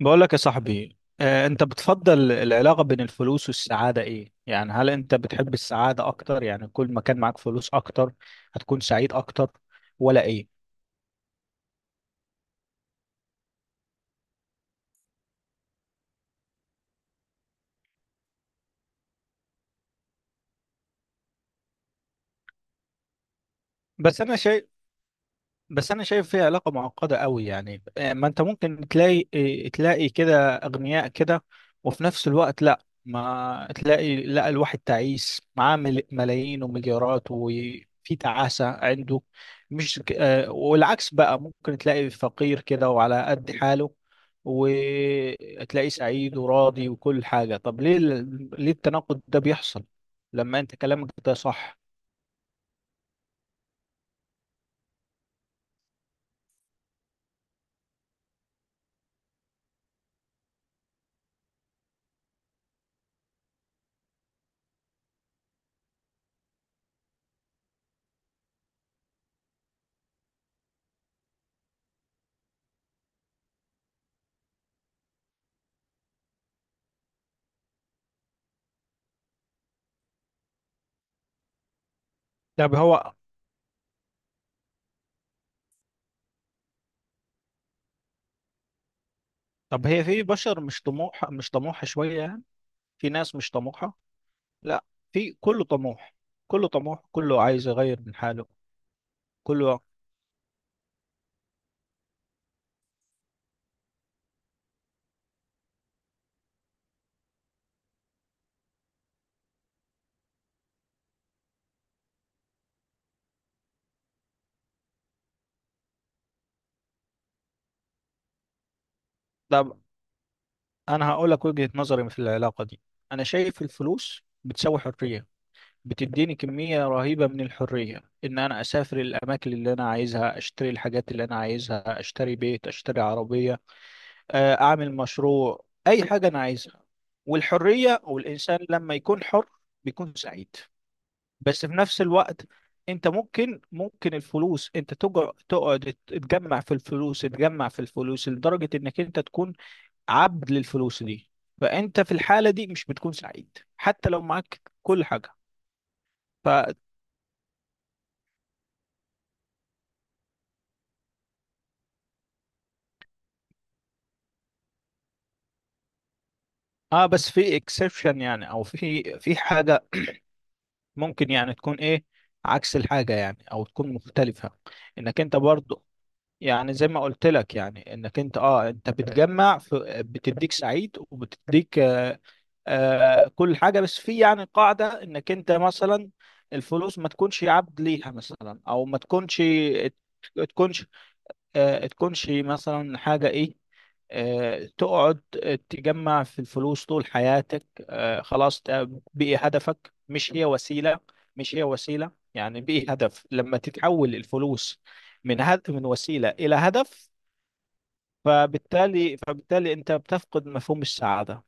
بقول لك يا صاحبي انت بتفضل العلاقة بين الفلوس والسعادة ايه؟ يعني هل انت بتحب السعادة اكتر؟ يعني كل ما كان معاك فلوس اكتر هتكون سعيد اكتر ولا ايه؟ بس انا شيء، بس انا شايف فيها علاقه معقده قوي. يعني ما انت ممكن تلاقي، تلاقي كده اغنياء كده وفي نفس الوقت لا، ما تلاقي، لا، الواحد تعيس معاه ملايين ومليارات وفي تعاسه عنده. مش ك- آه، والعكس بقى ممكن تلاقي فقير كده وعلى قد حاله وتلاقيه سعيد وراضي وكل حاجه. طب ليه ليه التناقض ده بيحصل لما انت كلامك ده صح؟ طب هو، طب هي في بشر مش طموح، مش طموحه شويه، في ناس مش طموحة. لا، في كله طموح، كله طموح، كله عايز يغير من حاله، كله. طب أنا هقول لك وجهة نظري في العلاقة دي. أنا شايف الفلوس بتساوي حرية، بتديني كمية رهيبة من الحرية، إن أنا أسافر الأماكن اللي أنا عايزها، أشتري الحاجات اللي أنا عايزها، أشتري بيت، أشتري عربية، أعمل مشروع، أي حاجة أنا عايزها. والحرية، والإنسان لما يكون حر بيكون سعيد. بس في نفس الوقت انت ممكن، ممكن الفلوس انت تجر، تقعد تجمع في الفلوس، تجمع في الفلوس لدرجة انك انت تكون عبد للفلوس دي، فانت في الحالة دي مش بتكون سعيد حتى لو معاك كل حاجة. ف، اه بس في اكسبشن يعني، او في في حاجة ممكن يعني تكون ايه، عكس الحاجة يعني، او تكون مختلفة. انك انت برضو، يعني زي ما قلت لك يعني انك انت اه، انت بتجمع في، بتديك سعيد وبتديك آه كل حاجة. بس في يعني قاعدة انك انت مثلا الفلوس ما تكونش عبد ليها مثلا، او ما تكونش، تكونش، آه تكونش مثلا حاجة ايه، آه تقعد تجمع في الفلوس طول حياتك، آه خلاص ده بقي هدفك، مش هي وسيلة، مش هي وسيلة، يعني بقي هدف. لما تتحول الفلوس من من وسيلة إلى هدف، فبالتالي، فبالتالي انت بتفقد مفهوم السعادة.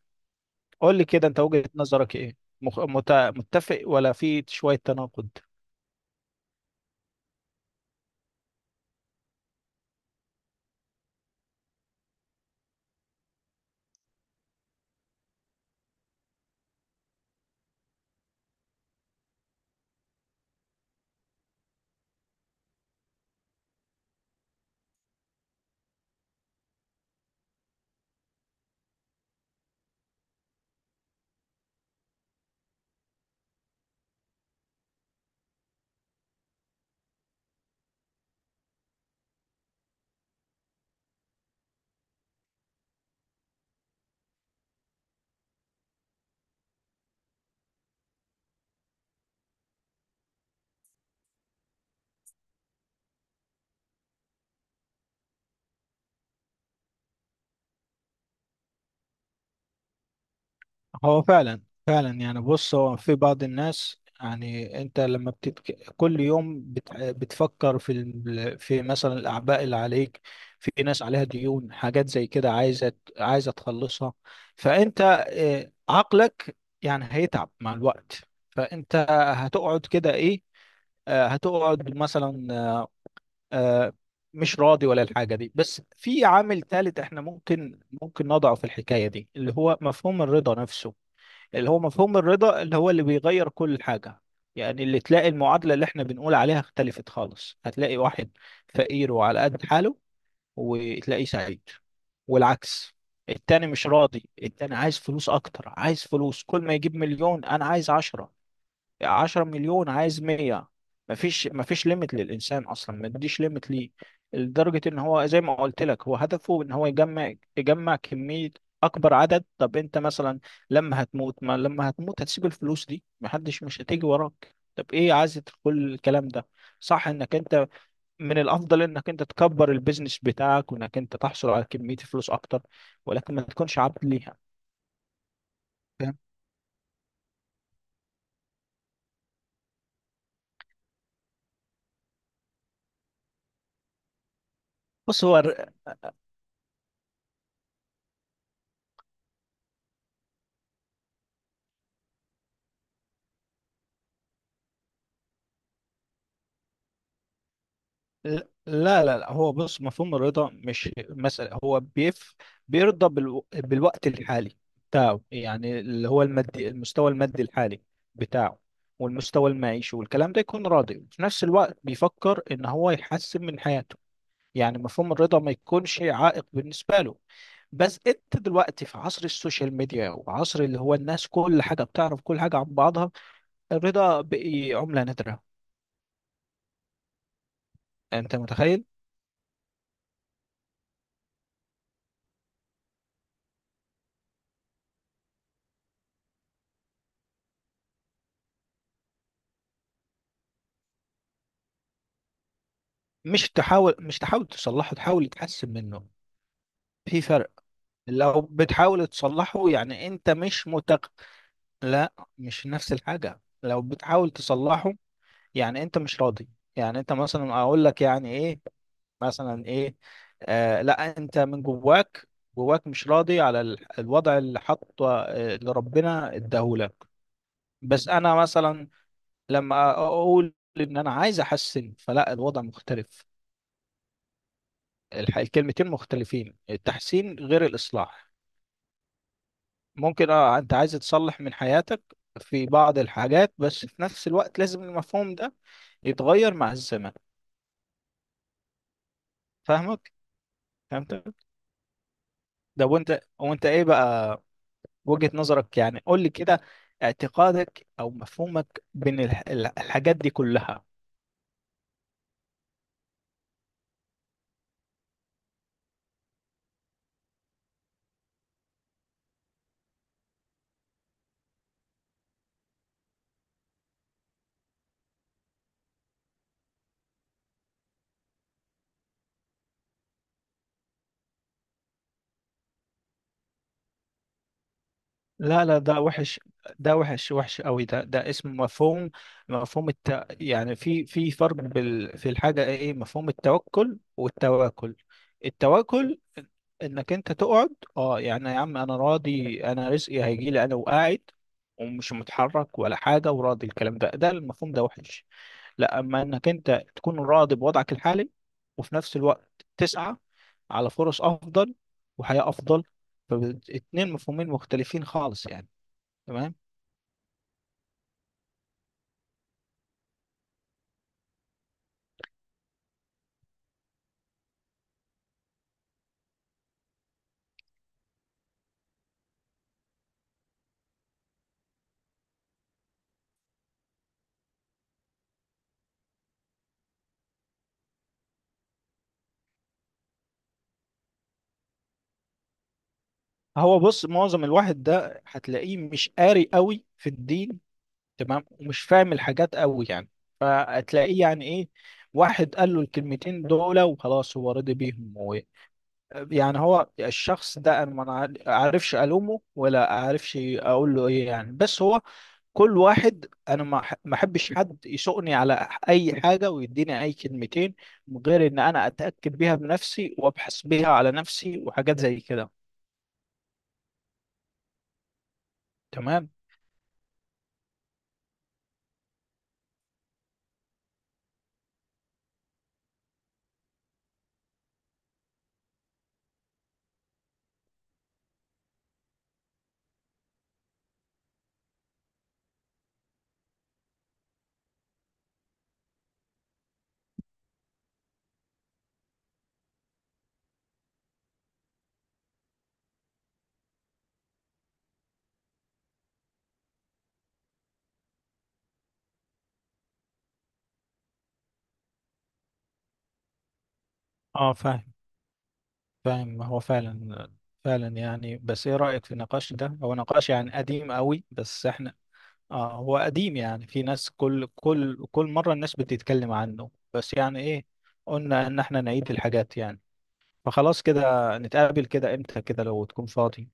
قول لي كده انت وجهة نظرك ايه؟ متفق ولا في شوية تناقض؟ هو فعلا، فعلا يعني، بص هو في بعض الناس يعني انت لما كل يوم بتفكر في مثلا الاعباء اللي عليك، في ناس عليها ديون، حاجات زي كده عايزه، عايزه تخلصها. فانت عقلك يعني هيتعب مع الوقت. فانت هتقعد كده ايه، هتقعد مثلا، آه، مش راضي ولا الحاجة دي. بس في عامل ثالث احنا ممكن، ممكن نضعه في الحكاية دي، اللي هو مفهوم الرضا نفسه. اللي هو مفهوم الرضا، اللي هو اللي بيغير كل حاجة. يعني اللي تلاقي المعادلة اللي احنا بنقول عليها اختلفت خالص. هتلاقي واحد فقير وعلى قد حاله وتلاقيه سعيد، والعكس، التاني مش راضي، التاني عايز فلوس اكتر، عايز فلوس، كل ما يجيب مليون انا عايز عشرة، 10 مليون عايز 100. مفيش، مفيش ليميت للإنسان أصلا، ما تديش ليميت ليه لدرجة إن هو زي ما قلت لك هو هدفه إن هو يجمع، يجمع كمية، أكبر عدد. طب أنت مثلا لما هتموت، ما لما هتموت هتسيب الفلوس دي، محدش، مش هتيجي وراك، طب إيه عايز كل الكلام ده؟ صح، إنك أنت من الأفضل إنك أنت تكبر البيزنس بتاعك وإنك أنت تحصل على كمية فلوس أكتر، ولكن ما تكونش عبد ليها. فاهم؟ بص هو، لا لا لا، هو بص، مفهوم الرضا مش مسألة هو بيرضى بالوقت الحالي بتاعه، يعني اللي هو المادي، المستوى المادي الحالي بتاعه، والمستوى المعيشي والكلام ده، يكون راضي وفي نفس الوقت بيفكر ان هو يحسن من حياته. يعني مفهوم الرضا ما يكونش عائق بالنسبة له. بس انت دلوقتي في عصر السوشيال ميديا، وعصر اللي هو الناس كل حاجة بتعرف كل حاجة عن بعضها، الرضا بقي عملة نادرة، انت متخيل؟ مش تحاول، مش تحاول تصلحه، تحاول تحسن منه، في فرق. لو بتحاول تصلحه يعني انت مش متق، لا مش نفس الحاجة، لو بتحاول تصلحه يعني انت مش راضي. يعني انت مثلا اقول لك يعني ايه، مثلا ايه، آه لا، انت من جواك، جواك مش راضي على الوضع اللي حطه، اللي ربنا اداهولك. بس انا مثلا لما اقول ان انا عايز احسن، فلا الوضع مختلف. الكلمتين مختلفين، التحسين غير الإصلاح. ممكن اه انت عايز تصلح من حياتك في بعض الحاجات، بس في نفس الوقت لازم المفهوم ده يتغير مع الزمن. فاهمك، فهمتك. ده، وانت، وانت ايه بقى وجهة نظرك؟ يعني قول لي كده اعتقادك او مفهومك بين الحاجات دي كلها. لا لا، ده وحش، ده وحش، وحش قوي ده، ده اسم مفهوم، يعني في فرق في الحاجة ايه، مفهوم التوكل والتواكل. التواكل انك انت تقعد، اه يعني يا عم انا راضي، انا رزقي هيجي لي، انا وقاعد ومش متحرك ولا حاجة، وراضي، الكلام ده، ده المفهوم ده وحش. لا اما انك انت تكون راضي بوضعك الحالي وفي نفس الوقت تسعى على فرص افضل وحياة افضل، فاتنين مفهومين مختلفين خالص يعني. تمام. هو بص، معظم الواحد ده هتلاقيه مش قاري قوي في الدين، تمام، ومش فاهم الحاجات قوي يعني، فهتلاقيه يعني ايه، واحد قال له الكلمتين دول وخلاص هو رضي بيهم و... يعني هو الشخص ده انا ما اعرفش الومه ولا اعرفش اقول له ايه يعني. بس هو كل واحد، انا ما ما احبش حد يسوقني على اي حاجه ويديني اي كلمتين من غير ان انا اتاكد بيها بنفسي وابحث بيها على نفسي وحاجات زي كده. تمام. اه فاهم، فاهم. ما هو فعلا، فعلا يعني. بس ايه رأيك في النقاش ده؟ هو نقاش يعني قديم قوي بس احنا، اه هو قديم، يعني في ناس كل مرة الناس بتتكلم عنه، بس يعني ايه، قلنا ان احنا نعيد الحاجات يعني. فخلاص كده، نتقابل كده امتى كده لو تكون فاضي؟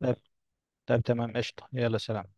طيب، طيب تمام، قشطة، يلا سلام.